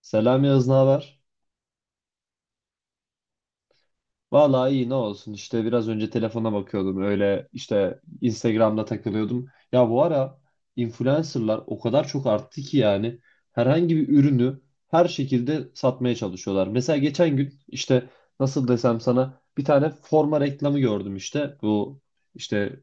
Selam Yağız, ne haber? Vallahi iyi ne olsun işte biraz önce telefona bakıyordum öyle işte Instagram'da takılıyordum. Ya bu ara influencerlar o kadar çok arttı ki yani herhangi bir ürünü her şekilde satmaya çalışıyorlar. Mesela geçen gün işte nasıl desem sana bir tane forma reklamı gördüm işte bu işte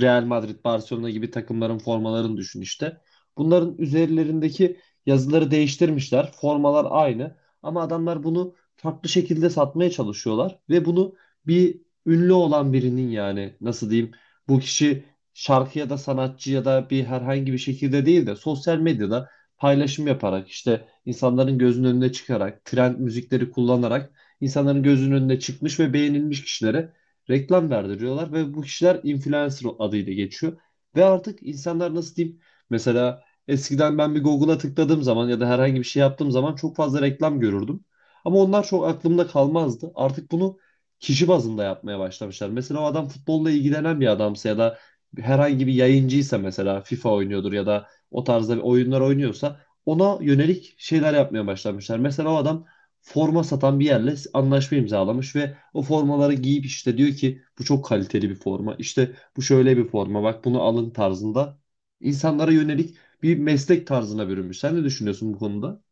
Real Madrid, Barcelona gibi takımların formalarını düşün işte. Bunların üzerlerindeki yazıları değiştirmişler, formalar aynı ama adamlar bunu farklı şekilde satmaya çalışıyorlar. Ve bunu bir ünlü olan birinin, yani nasıl diyeyim, bu kişi şarkı ya da sanatçı ya da bir herhangi bir şekilde değil de sosyal medyada paylaşım yaparak işte insanların gözünün önüne çıkarak, trend müzikleri kullanarak insanların gözünün önüne çıkmış ve beğenilmiş kişilere reklam verdiriyorlar ve bu kişiler influencer adıyla geçiyor. Ve artık insanlar, nasıl diyeyim, mesela eskiden ben bir Google'a tıkladığım zaman ya da herhangi bir şey yaptığım zaman çok fazla reklam görürdüm. Ama onlar çok aklımda kalmazdı. Artık bunu kişi bazında yapmaya başlamışlar. Mesela o adam futbolla ilgilenen bir adamsa ya da herhangi bir yayıncıysa, mesela FIFA oynuyordur ya da o tarzda bir oyunlar oynuyorsa ona yönelik şeyler yapmaya başlamışlar. Mesela o adam forma satan bir yerle anlaşma imzalamış ve o formaları giyip işte diyor ki bu çok kaliteli bir forma. İşte bu şöyle bir forma, bak bunu alın tarzında, insanlara yönelik bir meslek tarzına bürünmüş. Sen ne düşünüyorsun bu konuda?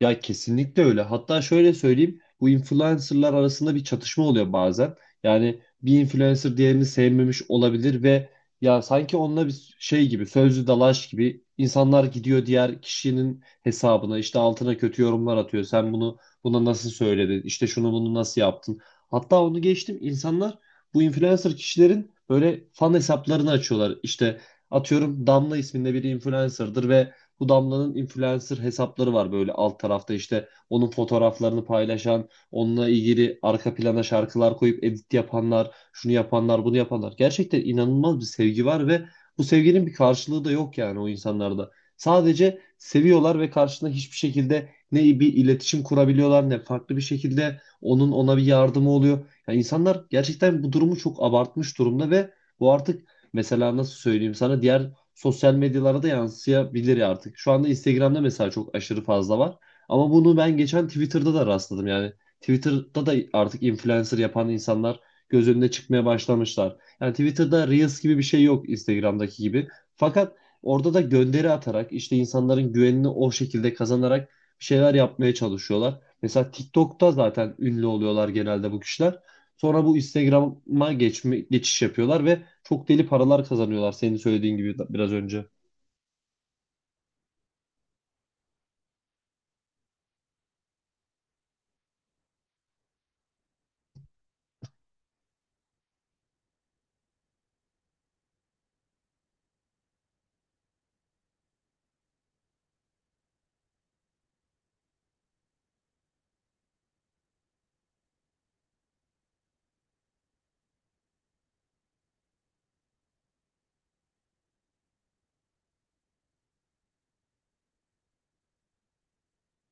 Ya kesinlikle öyle. Hatta şöyle söyleyeyim, bu influencerlar arasında bir çatışma oluyor bazen. Yani bir influencer diğerini sevmemiş olabilir ve ya sanki onunla bir şey gibi, sözlü dalaş gibi, insanlar gidiyor diğer kişinin hesabına, işte altına kötü yorumlar atıyor. Sen bunu, buna nasıl söyledin? İşte şunu bunu nasıl yaptın? Hatta onu geçtim. İnsanlar bu influencer kişilerin böyle fan hesaplarını açıyorlar. İşte atıyorum, Damla isminde bir influencer'dır ve bu Damla'nın influencer hesapları var böyle alt tarafta, işte onun fotoğraflarını paylaşan, onunla ilgili arka plana şarkılar koyup edit yapanlar, şunu yapanlar, bunu yapanlar. Gerçekten inanılmaz bir sevgi var ve bu sevginin bir karşılığı da yok yani o insanlarda. Sadece seviyorlar ve karşına hiçbir şekilde ne bir iletişim kurabiliyorlar ne farklı bir şekilde onun ona bir yardımı oluyor. Yani insanlar gerçekten bu durumu çok abartmış durumda ve bu artık, mesela nasıl söyleyeyim sana, diğer sosyal medyalara da yansıyabilir ya artık. Şu anda Instagram'da mesela çok aşırı fazla var. Ama bunu ben geçen Twitter'da da rastladım yani. Twitter'da da artık influencer yapan insanlar göz önüne çıkmaya başlamışlar. Yani Twitter'da Reels gibi bir şey yok Instagram'daki gibi. Fakat orada da gönderi atarak, işte insanların güvenini o şekilde kazanarak bir şeyler yapmaya çalışıyorlar. Mesela TikTok'ta zaten ünlü oluyorlar genelde bu kişiler. Sonra bu Instagram'a geçiş yapıyorlar ve çok deli paralar kazanıyorlar senin söylediğin gibi biraz önce.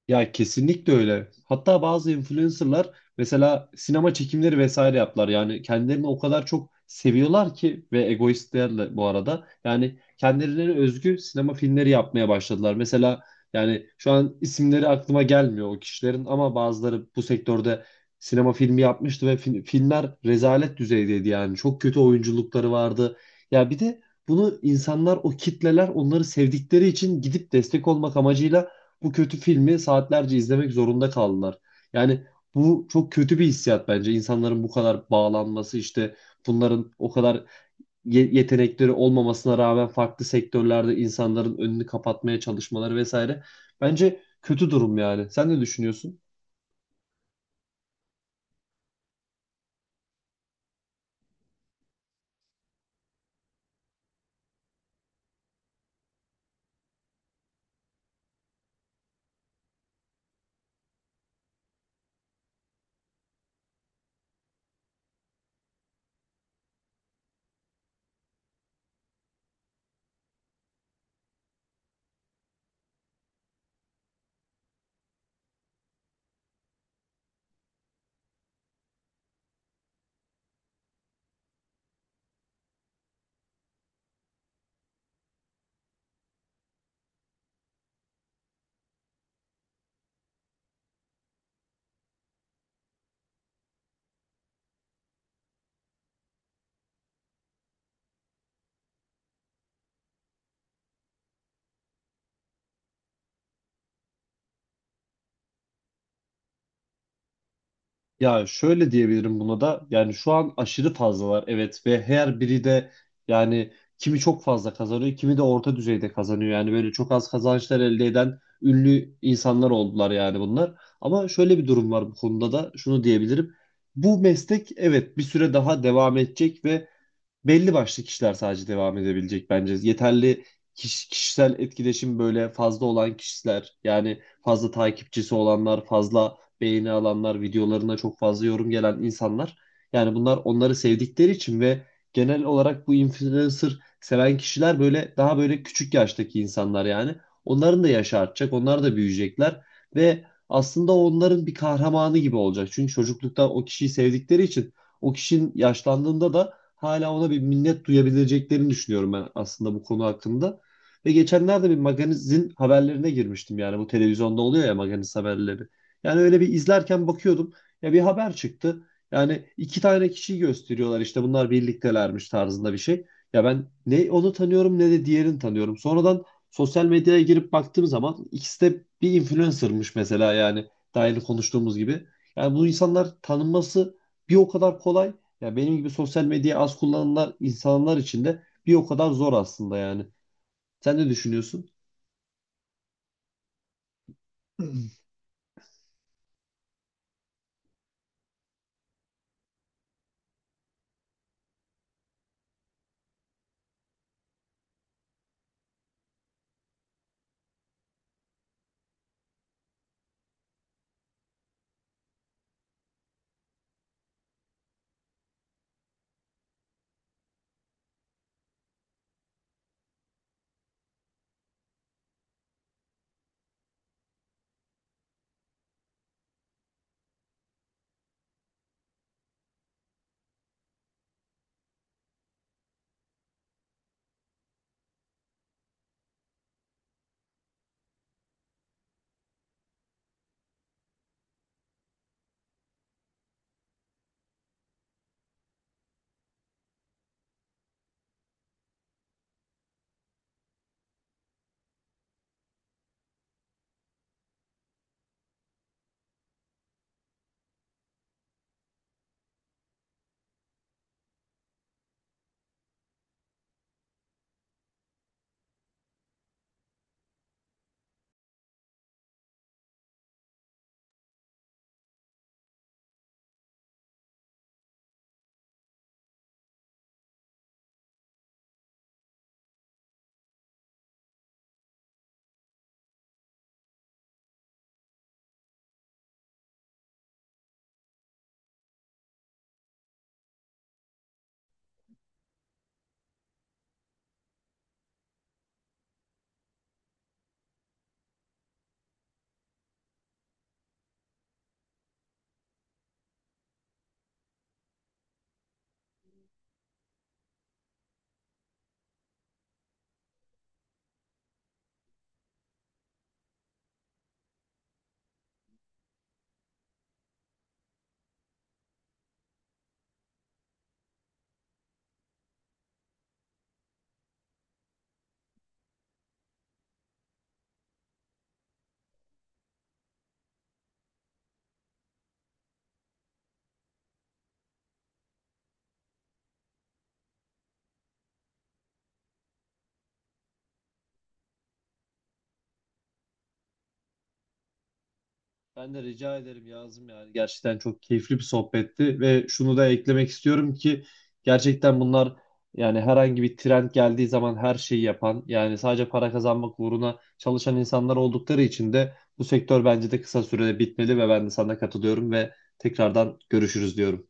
Ya kesinlikle öyle. Hatta bazı influencerlar mesela sinema çekimleri vesaire yaptılar. Yani kendilerini o kadar çok seviyorlar ki, ve egoistlerle bu arada. Yani kendilerine özgü sinema filmleri yapmaya başladılar. Mesela yani şu an isimleri aklıma gelmiyor o kişilerin, ama bazıları bu sektörde sinema filmi yapmıştı ve filmler rezalet düzeydeydi yani. Çok kötü oyunculukları vardı. Ya bir de bunu insanlar, o kitleler, onları sevdikleri için gidip destek olmak amacıyla bu kötü filmi saatlerce izlemek zorunda kaldılar. Yani bu çok kötü bir hissiyat bence. İnsanların bu kadar bağlanması, işte bunların o kadar yetenekleri olmamasına rağmen farklı sektörlerde insanların önünü kapatmaya çalışmaları vesaire. Bence kötü durum yani. Sen ne düşünüyorsun? Ya şöyle diyebilirim buna da, yani şu an aşırı fazlalar evet, ve her biri de yani kimi çok fazla kazanıyor kimi de orta düzeyde kazanıyor, yani böyle çok az kazançlar elde eden ünlü insanlar oldular yani bunlar. Ama şöyle bir durum var bu konuda da, şunu diyebilirim: bu meslek evet bir süre daha devam edecek ve belli başlı kişiler sadece devam edebilecek bence. Yeterli kişisel etkileşim böyle fazla olan kişiler, yani fazla takipçisi olanlar, fazla beğeni alanlar, videolarına çok fazla yorum gelen insanlar. Yani bunlar onları sevdikleri için, ve genel olarak bu influencer seven kişiler böyle daha böyle küçük yaştaki insanlar yani. Onların da yaşı artacak, onlar da büyüyecekler ve aslında onların bir kahramanı gibi olacak. Çünkü çocuklukta o kişiyi sevdikleri için o kişinin yaşlandığında da Hala ona bir minnet duyabileceklerini düşünüyorum ben aslında bu konu hakkında. Ve geçenlerde bir magazin haberlerine girmiştim, yani bu televizyonda oluyor ya magazin haberleri. Yani öyle bir izlerken bakıyordum, ya bir haber çıktı. Yani iki tane kişiyi gösteriyorlar, işte bunlar birliktelermiş tarzında bir şey. Ya ben ne onu tanıyorum ne de diğerini tanıyorum. Sonradan sosyal medyaya girip baktığım zaman ikisi de bir influencer'mış mesela, yani daha yeni konuştuğumuz gibi. Yani bu insanlar tanınması bir o kadar kolay ya, benim gibi sosyal medyayı az kullananlar insanlar için de bir o kadar zor aslında yani. Sen ne düşünüyorsun? Ben de rica ederim, yazdım yani. Gerçekten çok keyifli bir sohbetti ve şunu da eklemek istiyorum ki gerçekten bunlar, yani herhangi bir trend geldiği zaman her şeyi yapan, yani sadece para kazanmak uğruna çalışan insanlar oldukları için de bu sektör bence de kısa sürede bitmeli ve ben de sana katılıyorum ve tekrardan görüşürüz diyorum.